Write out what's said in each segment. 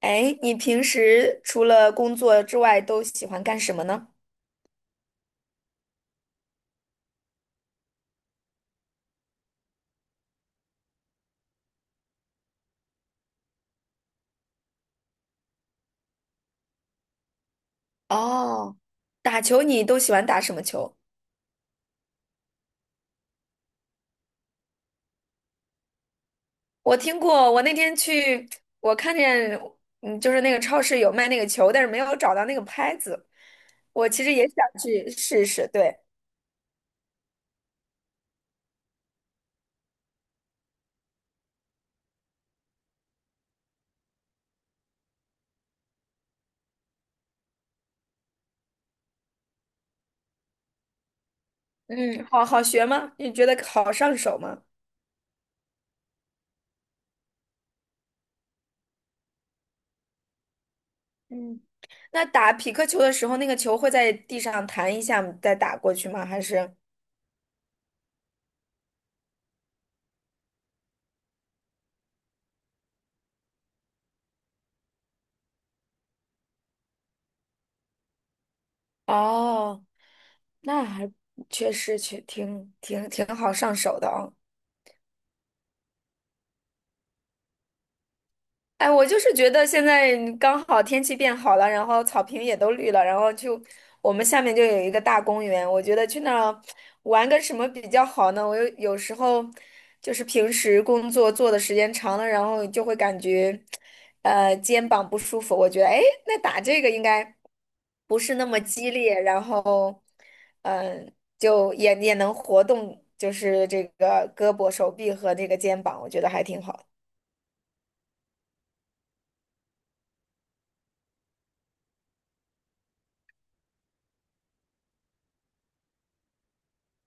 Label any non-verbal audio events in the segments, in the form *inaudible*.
哎，你平时除了工作之外都喜欢干什么呢？哦，打球你都喜欢打什么球？我听过，我那天去，我看见，就是那个超市有卖那个球，但是没有找到那个拍子。我其实也想去试试，对。嗯，好好学吗？你觉得好上手吗？嗯，那打匹克球的时候，那个球会在地上弹一下再打过去吗？还是？哦。那还确实挺好上手的啊、哎，我就是觉得现在刚好天气变好了，然后草坪也都绿了，然后就我们下面就有一个大公园，我觉得去那儿玩个什么比较好呢？我有时候就是平时工作做的时间长了，然后就会感觉肩膀不舒服，我觉得哎，那打这个应该不是那么激烈，然后嗯、呃就也能活动，就是这个胳膊、手臂和这个肩膀，我觉得还挺好的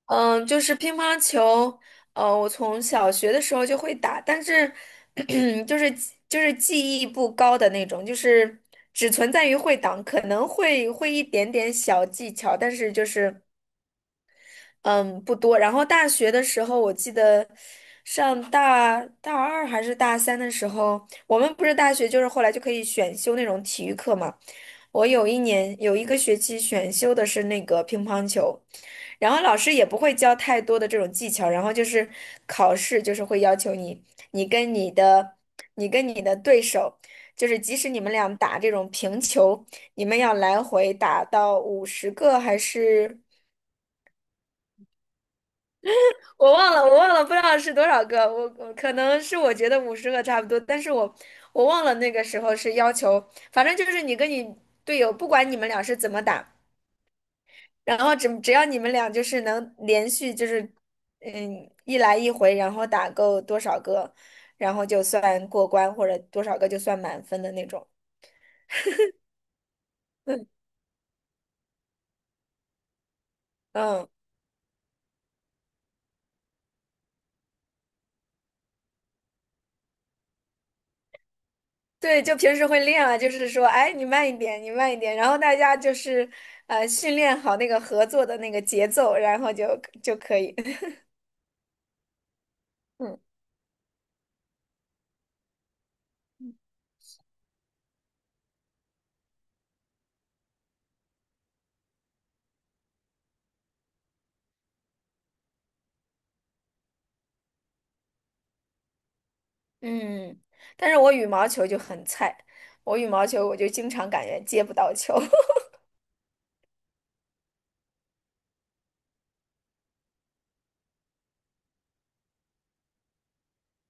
嗯，就是乒乓球，我从小学的时候就会打，但是 *clears throat* 就是就是技艺不高的那种，就是只存在于会档，可能会一点点小技巧，但是就是嗯不多。然后大学的时候，我记得上大二还是大三的时候，我们不是大学就是后来就可以选修那种体育课嘛。我有一年有一个学期选修的是那个乒乓球，然后老师也不会教太多的这种技巧，然后就是考试就是会要求你，你跟你的你跟你的对手，就是即使你们俩打这种平球，你们要来回打到五十个还是我忘了不知道是多少个，我可能是我觉得五十个差不多，但是我我忘了那个时候是要求，反正就是你跟你队友，不管你们俩是怎么打。然后只要你们俩就是能连续就是一来一回，然后打够多少个，然后就算过关，或者多少个就算满分的那种。嗯，对，就平时会练啊，就是说，哎，你慢一点，你慢一点，然后大家就是训练好那个合作的那个节奏，然后就可以。*laughs* 嗯嗯，但是我羽毛球就很菜，我羽毛球我就经常感觉接不到球。*laughs*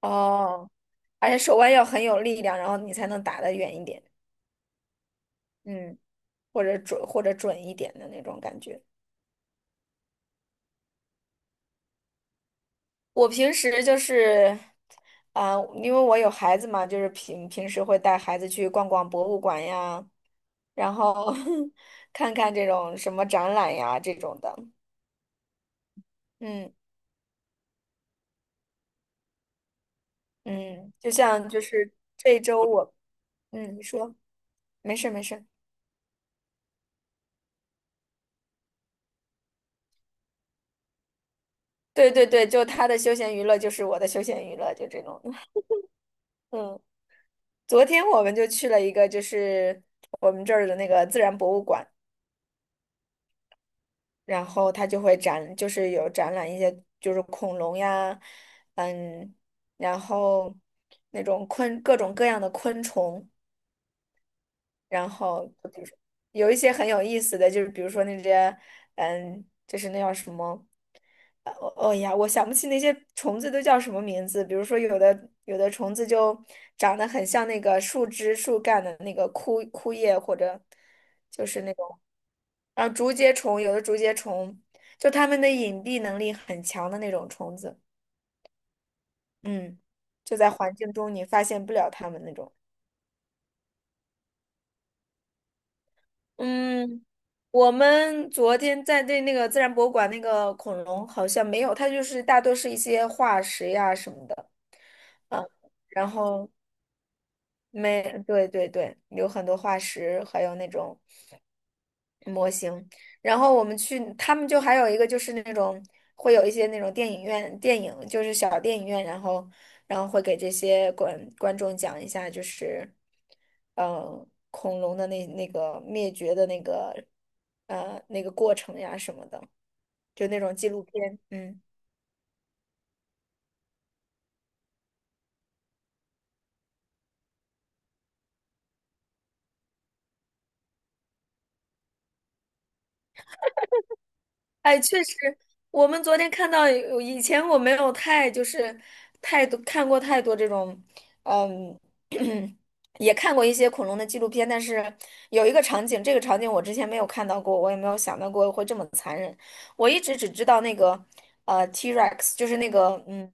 哦，而且手腕要很有力量，然后你才能打得远一点。嗯，或者准一点的那种感觉。我平时就是，啊、因为我有孩子嘛，就是平时会带孩子去逛逛博物馆呀，然后 *laughs* 看看这种什么展览呀这种的，嗯嗯，就像就是这周我，你说没事没事，对对对，就他的休闲娱乐就是我的休闲娱乐，就这种，*laughs* 嗯。昨天我们就去了一个，就是我们这儿的那个自然博物馆，然后它就会展，就是有展览一些就是恐龙呀，嗯，然后那种各种各样的昆虫，然后就是有一些很有意思的，就是比如说那些，就是那叫什么？哦哎呀，我想不起那些虫子都叫什么名字。比如说，有的虫子就长得很像那个树枝、树干的那个枯叶，或者就是那种，啊，竹节虫，有的竹节虫，就它们的隐蔽能力很强的那种虫子。嗯，就在环境中你发现不了它们那种。嗯，我们昨天在对那个自然博物馆那个恐龙好像没有，它就是大多是一些化石呀什么的，嗯，然后没，对对对，有很多化石，还有那种模型。然后我们去，他们就还有一个就是那种会有一些那种电影院电影，就是小电影院，然后会给这些观众讲一下，就是恐龙的那个灭绝的那个那个过程呀什么的，就那种纪录片，嗯。哎，确实，我们昨天看到有，以前我没有太就是太多看过太多这种，嗯，*clears throat* 也看过一些恐龙的纪录片，但是有一个场景，这个场景我之前没有看到过，我也没有想到过会这么残忍。我一直只知道那个T-Rex，就是那个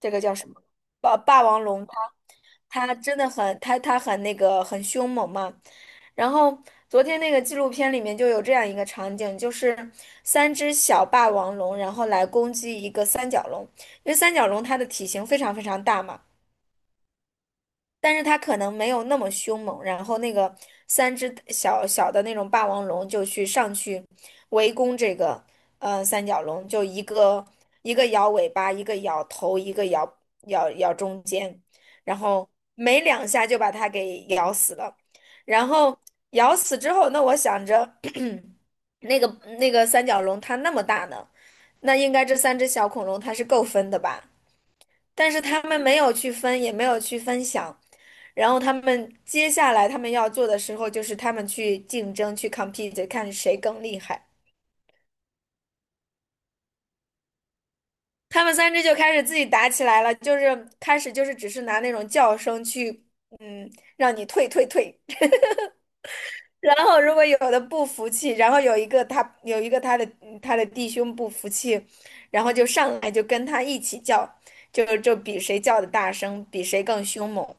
这个叫什么霸王龙，它真的很它很那个很凶猛嘛，然后昨天那个纪录片里面就有这样一个场景，就是三只小霸王龙，然后来攻击一个三角龙，因为三角龙它的体型非常非常大嘛，但是它可能没有那么凶猛，然后那个三只小小的那种霸王龙就去上去围攻这个三角龙，就一个一个摇尾巴，一个摇头，一个摇中间，然后没两下就把它给咬死了。然后咬死之后，那我想着 *clears throat* 那个那个三角龙它那么大呢，那应该这三只小恐龙它是够分的吧？但是他们没有去分，也没有去分享。然后他们接下来他们要做的时候，就是他们去竞争，去 compete，看谁更厉害。他们三只就开始自己打起来了，就是开始就是只是拿那种叫声去，嗯，让你退退退。然后如果有的不服气，然后有一个他有一个他的他的弟兄不服气，然后就上来就跟他一起叫，就比谁叫的大声，比谁更凶猛。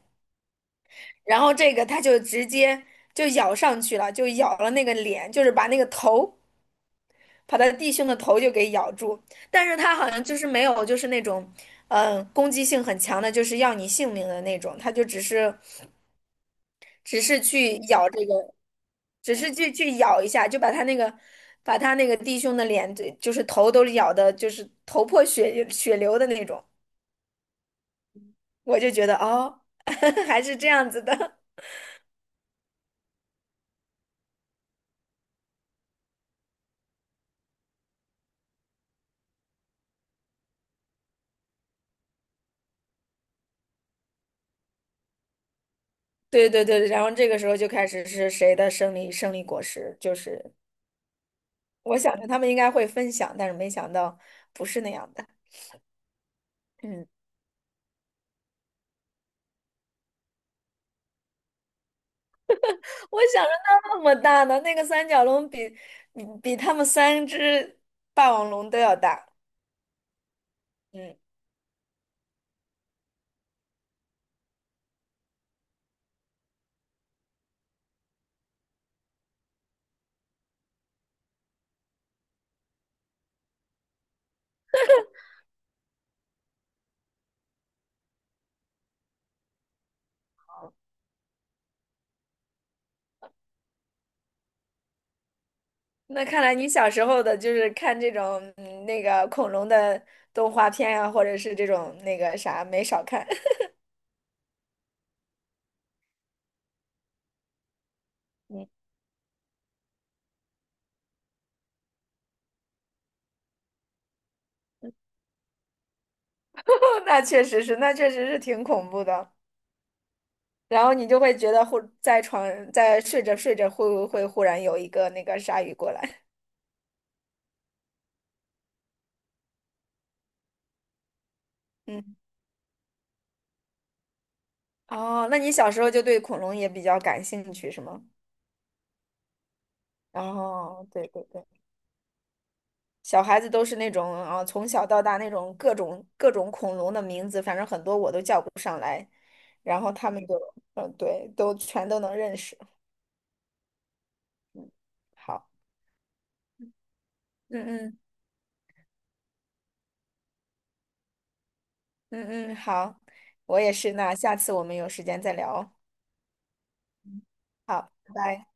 然后这个他就直接就咬上去了，就咬了那个脸，就是把那个头，把他弟兄的头就给咬住。但是他好像就是没有，就是那种，攻击性很强的，就是要你性命的那种。他就只是，只是去咬这个，只是去咬一下，就把他那个，弟兄的脸，对，就是头都咬的，就是头破血流的那种。我就觉得哦，*laughs* 还是这样子的。对对对，然后这个时候就开始是谁的胜利果实，就是我想着他们应该会分享，但是没想到不是那样的。嗯 *laughs*，我想着那么大呢，那个三角龙比他们三只霸王龙都要大。嗯，那看来你小时候的就是看这种那个恐龙的动画片啊，或者是这种那个啥没少看。*laughs* 嗯，那确实是，那确实是挺恐怖的。然后你就会觉得忽在床在睡着睡着会忽然有一个那个鲨鱼过来，嗯，哦，那你小时候就对恐龙也比较感兴趣是吗？哦，对对对，小孩子都是那种从小到大那种各种恐龙的名字，反正很多我都叫不上来，然后他们就对，都全都能认识。好，嗯嗯嗯嗯，好，我也是，那下次我们有时间再聊哦。好，拜拜。